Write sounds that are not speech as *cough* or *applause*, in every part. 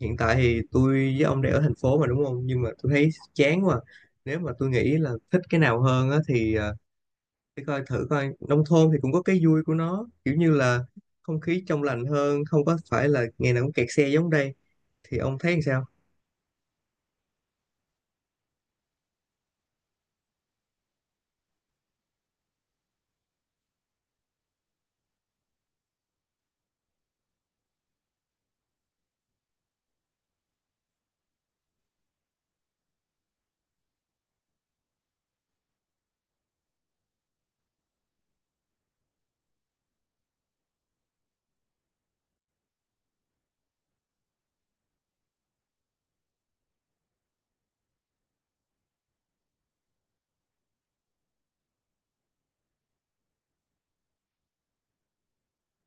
Hiện tại thì tôi với ông đều ở thành phố mà đúng không? Nhưng mà tôi thấy chán quá. Nếu mà tôi nghĩ là thích cái nào hơn á thì để coi thử coi nông thôn thì cũng có cái vui của nó, kiểu như là không khí trong lành hơn, không có phải là ngày nào cũng kẹt xe giống đây. Thì ông thấy làm sao?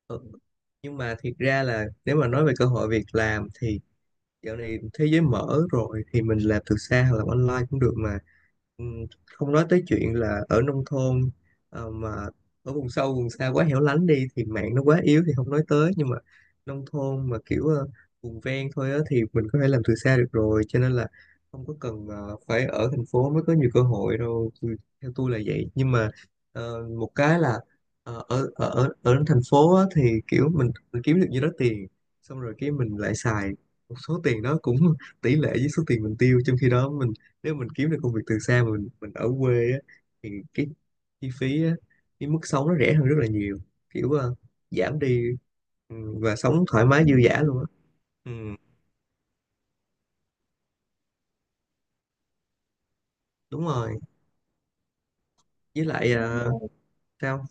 Ừ. Nhưng mà thiệt ra là nếu mà nói về cơ hội việc làm thì dạo này thế giới mở rồi thì mình làm từ xa hoặc làm online cũng được mà. Không nói tới chuyện là ở nông thôn mà ở vùng sâu vùng xa quá hẻo lánh đi thì mạng nó quá yếu thì không nói tới, nhưng mà nông thôn mà kiểu vùng ven thôi á thì mình có thể làm từ xa được rồi, cho nên là không có cần phải ở thành phố mới có nhiều cơ hội đâu. Theo tôi là vậy, nhưng mà một cái là ờ, ở ở ở ở thành phố á, thì kiểu mình kiếm được nhiêu đó tiền xong rồi cái mình lại xài một số tiền đó cũng *laughs* tỷ lệ với số tiền mình tiêu, trong khi đó mình nếu mình kiếm được công việc từ xa mà mình ở quê á, thì cái chi phí á, cái mức sống nó rẻ hơn rất là nhiều, kiểu giảm đi, ừ, và sống thoải mái dư dả luôn á. Ừ, đúng rồi. Với lại sao?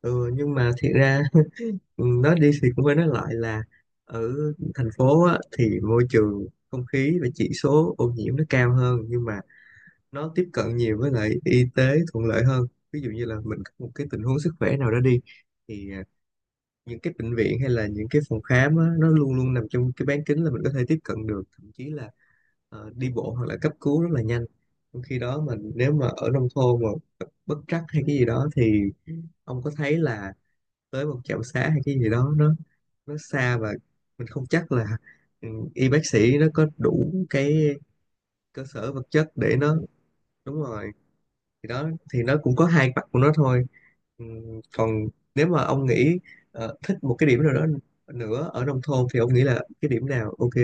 Ừ, nhưng mà thiệt ra *laughs* nói đi thì cũng phải nói lại là ở thành phố á, thì môi trường không khí và chỉ số ô nhiễm nó cao hơn, nhưng mà nó tiếp cận nhiều với lại y tế thuận lợi hơn. Ví dụ như là mình có một cái tình huống sức khỏe nào đó đi thì những cái bệnh viện hay là những cái phòng khám á, nó luôn luôn nằm trong cái bán kính là mình có thể tiếp cận được, thậm chí là đi bộ hoặc là cấp cứu rất là nhanh. Trong khi đó mình nếu mà ở nông thôn mà gặp bất trắc hay cái gì đó thì ông có thấy là tới một trạm xá hay cái gì đó nó xa, và mình không chắc là y bác sĩ nó có đủ cái cơ sở vật chất để nó, đúng rồi. Thì đó, thì nó cũng có hai mặt của nó thôi. Còn nếu mà ông nghĩ thích một cái điểm nào đó nữa ở nông thôn thì ông nghĩ là cái điểm nào ok?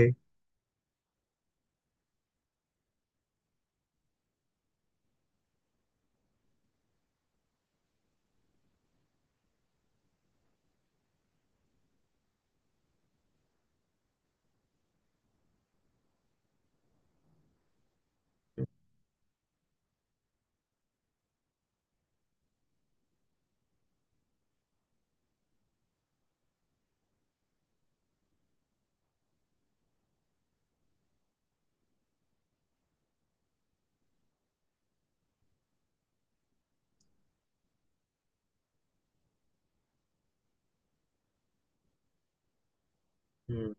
Ừ.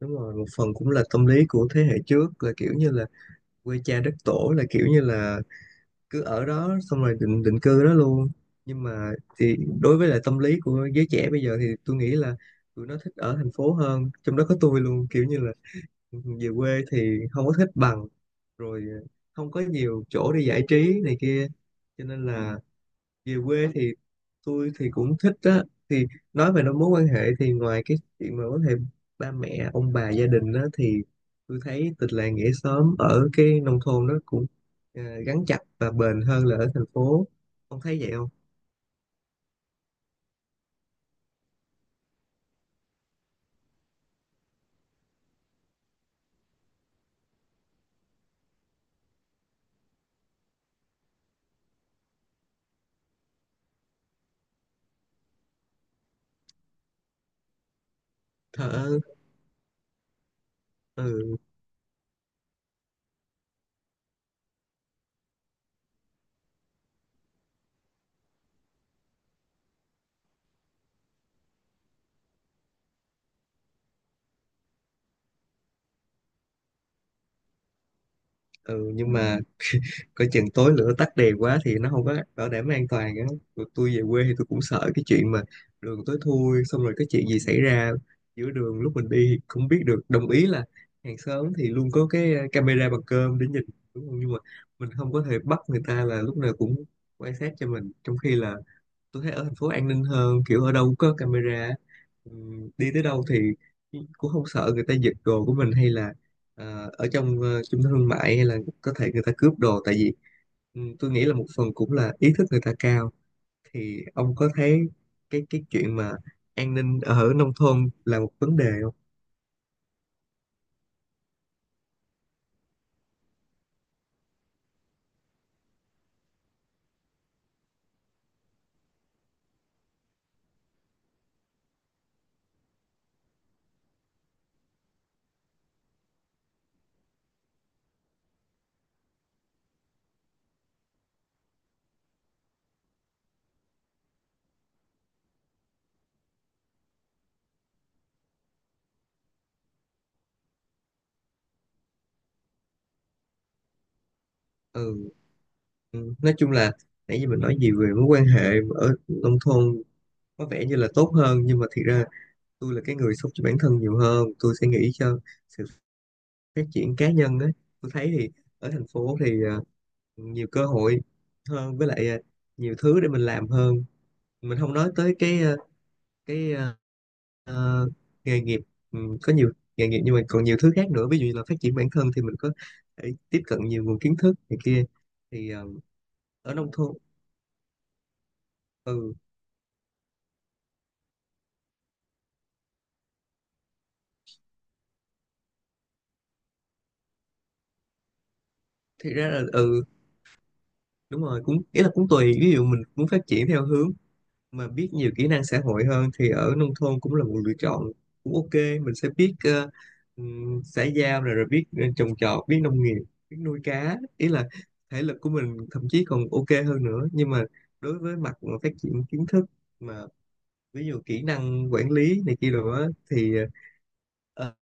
Đúng rồi, một phần cũng là tâm lý của thế hệ trước là kiểu như là quê cha đất tổ, là kiểu như là cứ ở đó xong rồi định định cư đó luôn. Nhưng mà thì đối với lại tâm lý của giới trẻ bây giờ thì tôi nghĩ là tụi nó thích ở thành phố hơn, trong đó có tôi luôn, kiểu như là về quê thì không có thích bằng. Rồi không có nhiều chỗ để giải trí này kia, cho nên là về quê thì tôi thì cũng thích á. Thì nói về nó mối quan hệ thì ngoài cái chuyện mà có thể ba mẹ ông bà gia đình á thì tôi thấy tình làng nghĩa xóm ở cái nông thôn nó cũng gắn chặt và bền hơn là ở thành phố. Ông thấy vậy không? Thở, ừ, ừ. Nhưng mà coi chừng tối lửa tắt đèn quá thì nó không có bảo đảm an toàn á. Tụi tôi về quê thì tôi cũng sợ cái chuyện mà đường tối thui xong rồi cái chuyện gì xảy ra giữa đường lúc mình đi thì không biết được. Đồng ý là hàng xóm thì luôn có cái camera bằng cơm để nhìn, đúng không, nhưng mà mình không có thể bắt người ta là lúc nào cũng quan sát cho mình, trong khi là tôi thấy ở thành phố an ninh hơn, kiểu ở đâu cũng có camera. Đi tới đâu thì cũng không sợ người ta giật đồ của mình, hay là ở trong trung tâm thương mại hay là có thể người ta cướp đồ, tại vì tôi nghĩ là một phần cũng là ý thức người ta cao. Thì ông có thấy cái chuyện mà an ninh ở nông thôn là một vấn đề không? Ừ, nói chung là nãy giờ mình nói gì về mối quan hệ ở nông thôn có vẻ như là tốt hơn, nhưng mà thiệt ra tôi là cái người sống cho bản thân nhiều hơn, tôi sẽ nghĩ cho sự phát triển cá nhân ấy. Tôi thấy thì ở thành phố thì nhiều cơ hội hơn, với lại nhiều thứ để mình làm hơn. Mình không nói tới cái ờ, nghề nghiệp, có nhiều nghề nghiệp, nhưng mà còn nhiều thứ khác nữa. Ví dụ như là phát triển bản thân thì mình có thể tiếp cận nhiều nguồn kiến thức này kia. Thì ở nông thôn ừ thì ra là ừ đúng rồi, cũng ý là cũng tùy. Ví dụ mình muốn phát triển theo hướng mà biết nhiều kỹ năng xã hội hơn thì ở nông thôn cũng là một lựa chọn, cũng ok, mình sẽ biết xã giao, rồi rồi biết trồng trọt, biết nông nghiệp, biết nuôi cá, ý là thể lực của mình thậm chí còn ok hơn nữa. Nhưng mà đối với mặt mà phát triển kiến thức mà ví dụ kỹ năng quản lý này kia rồi á thì ờ,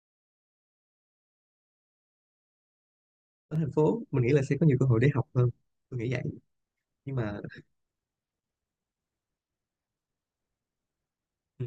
ở thành phố mình nghĩ là sẽ có nhiều cơ hội để học hơn. Tôi nghĩ vậy. Nhưng mà ừ,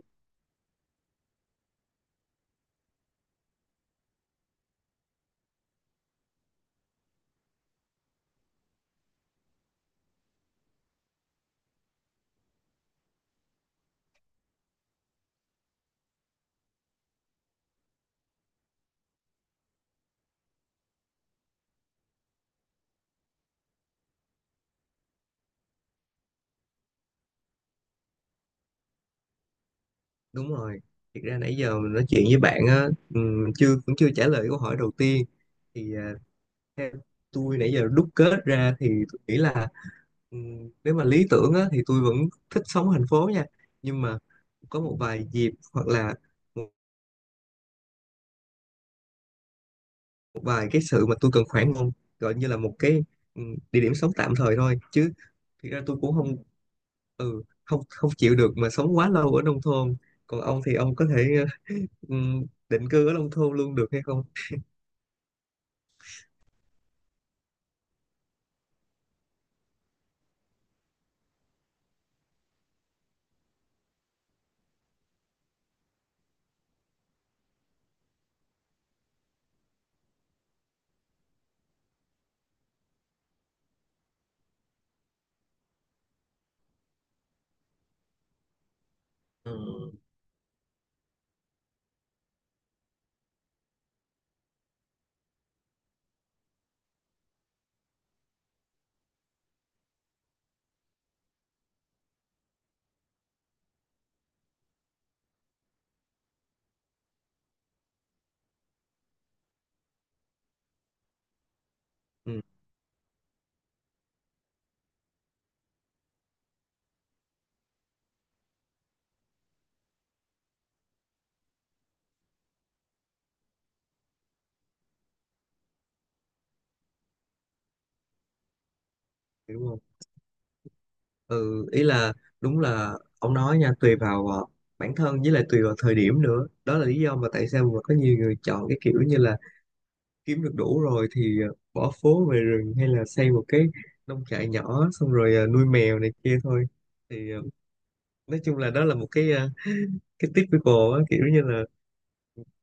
đúng rồi. Thiệt ra nãy giờ mình nói chuyện với bạn á, chưa cũng chưa trả lời câu hỏi đầu tiên. Thì theo tôi nãy giờ đúc kết ra thì tôi nghĩ là nếu mà lý tưởng á, thì tôi vẫn thích sống ở thành phố nha. Nhưng mà có một vài dịp hoặc là một một vài cái sự mà tôi cần khoảng không, gọi như là một cái địa điểm sống tạm thời thôi chứ. Thực ra tôi cũng không, không, không chịu được mà sống quá lâu ở nông thôn. Còn ông thì ông có thể *laughs* ờ, định cư ở nông thôn luôn được hay không? Ừ. Ừ, đúng rồi. Ừ, ý là đúng là ông nói nha, tùy vào bản thân, với lại tùy vào thời điểm nữa. Đó là lý do mà tại sao mà có nhiều người chọn cái kiểu như là kiếm được đủ rồi thì bỏ phố về rừng, hay là xây một cái nông trại nhỏ xong rồi nuôi mèo này kia thôi. Thì nói chung là đó là một cái cái typical á, kiểu như là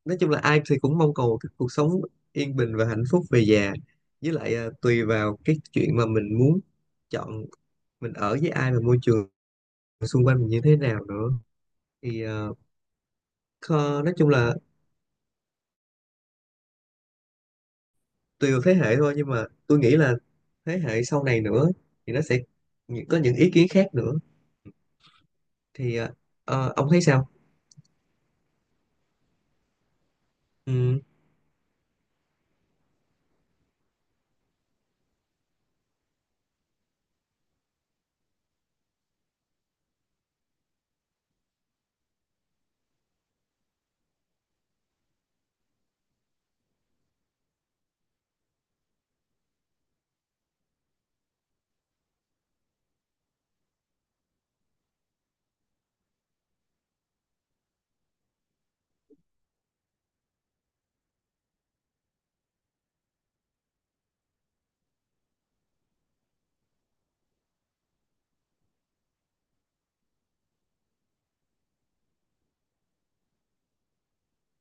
nói chung là ai thì cũng mong cầu một cái cuộc sống yên bình và hạnh phúc về già, với lại tùy vào cái chuyện mà mình muốn chọn mình ở với ai, và môi trường xung quanh mình như thế nào nữa. Thì nói chung là tùy vào thế hệ thôi, nhưng mà tôi nghĩ là thế hệ sau này nữa thì nó sẽ có những ý kiến khác nữa. Thì ông thấy sao? Ừ,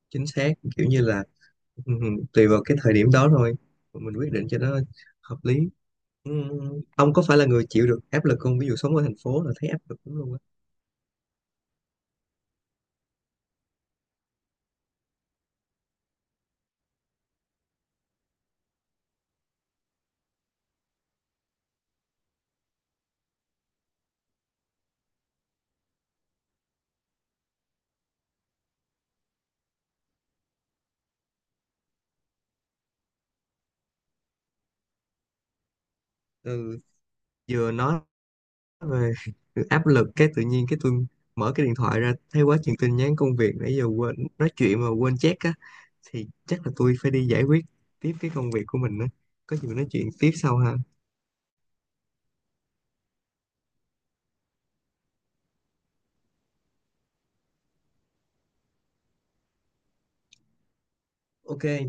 chính xác, kiểu như là ừ, ừ, tùy vào cái thời điểm đó thôi mà mình quyết định cho nó hợp lý. ừ, ông có phải là người chịu được áp lực không? Ví dụ sống ở thành phố là thấy áp lực lắm luôn á. Ừ, vừa nói về *laughs* áp lực cái tự nhiên cái tôi mở cái điện thoại ra thấy quá chừng tin nhắn công việc, nãy giờ quên nói chuyện mà quên check á, thì chắc là tôi phải đi giải quyết tiếp cái công việc của mình á. Có gì mình nói chuyện tiếp sau ha. Ok.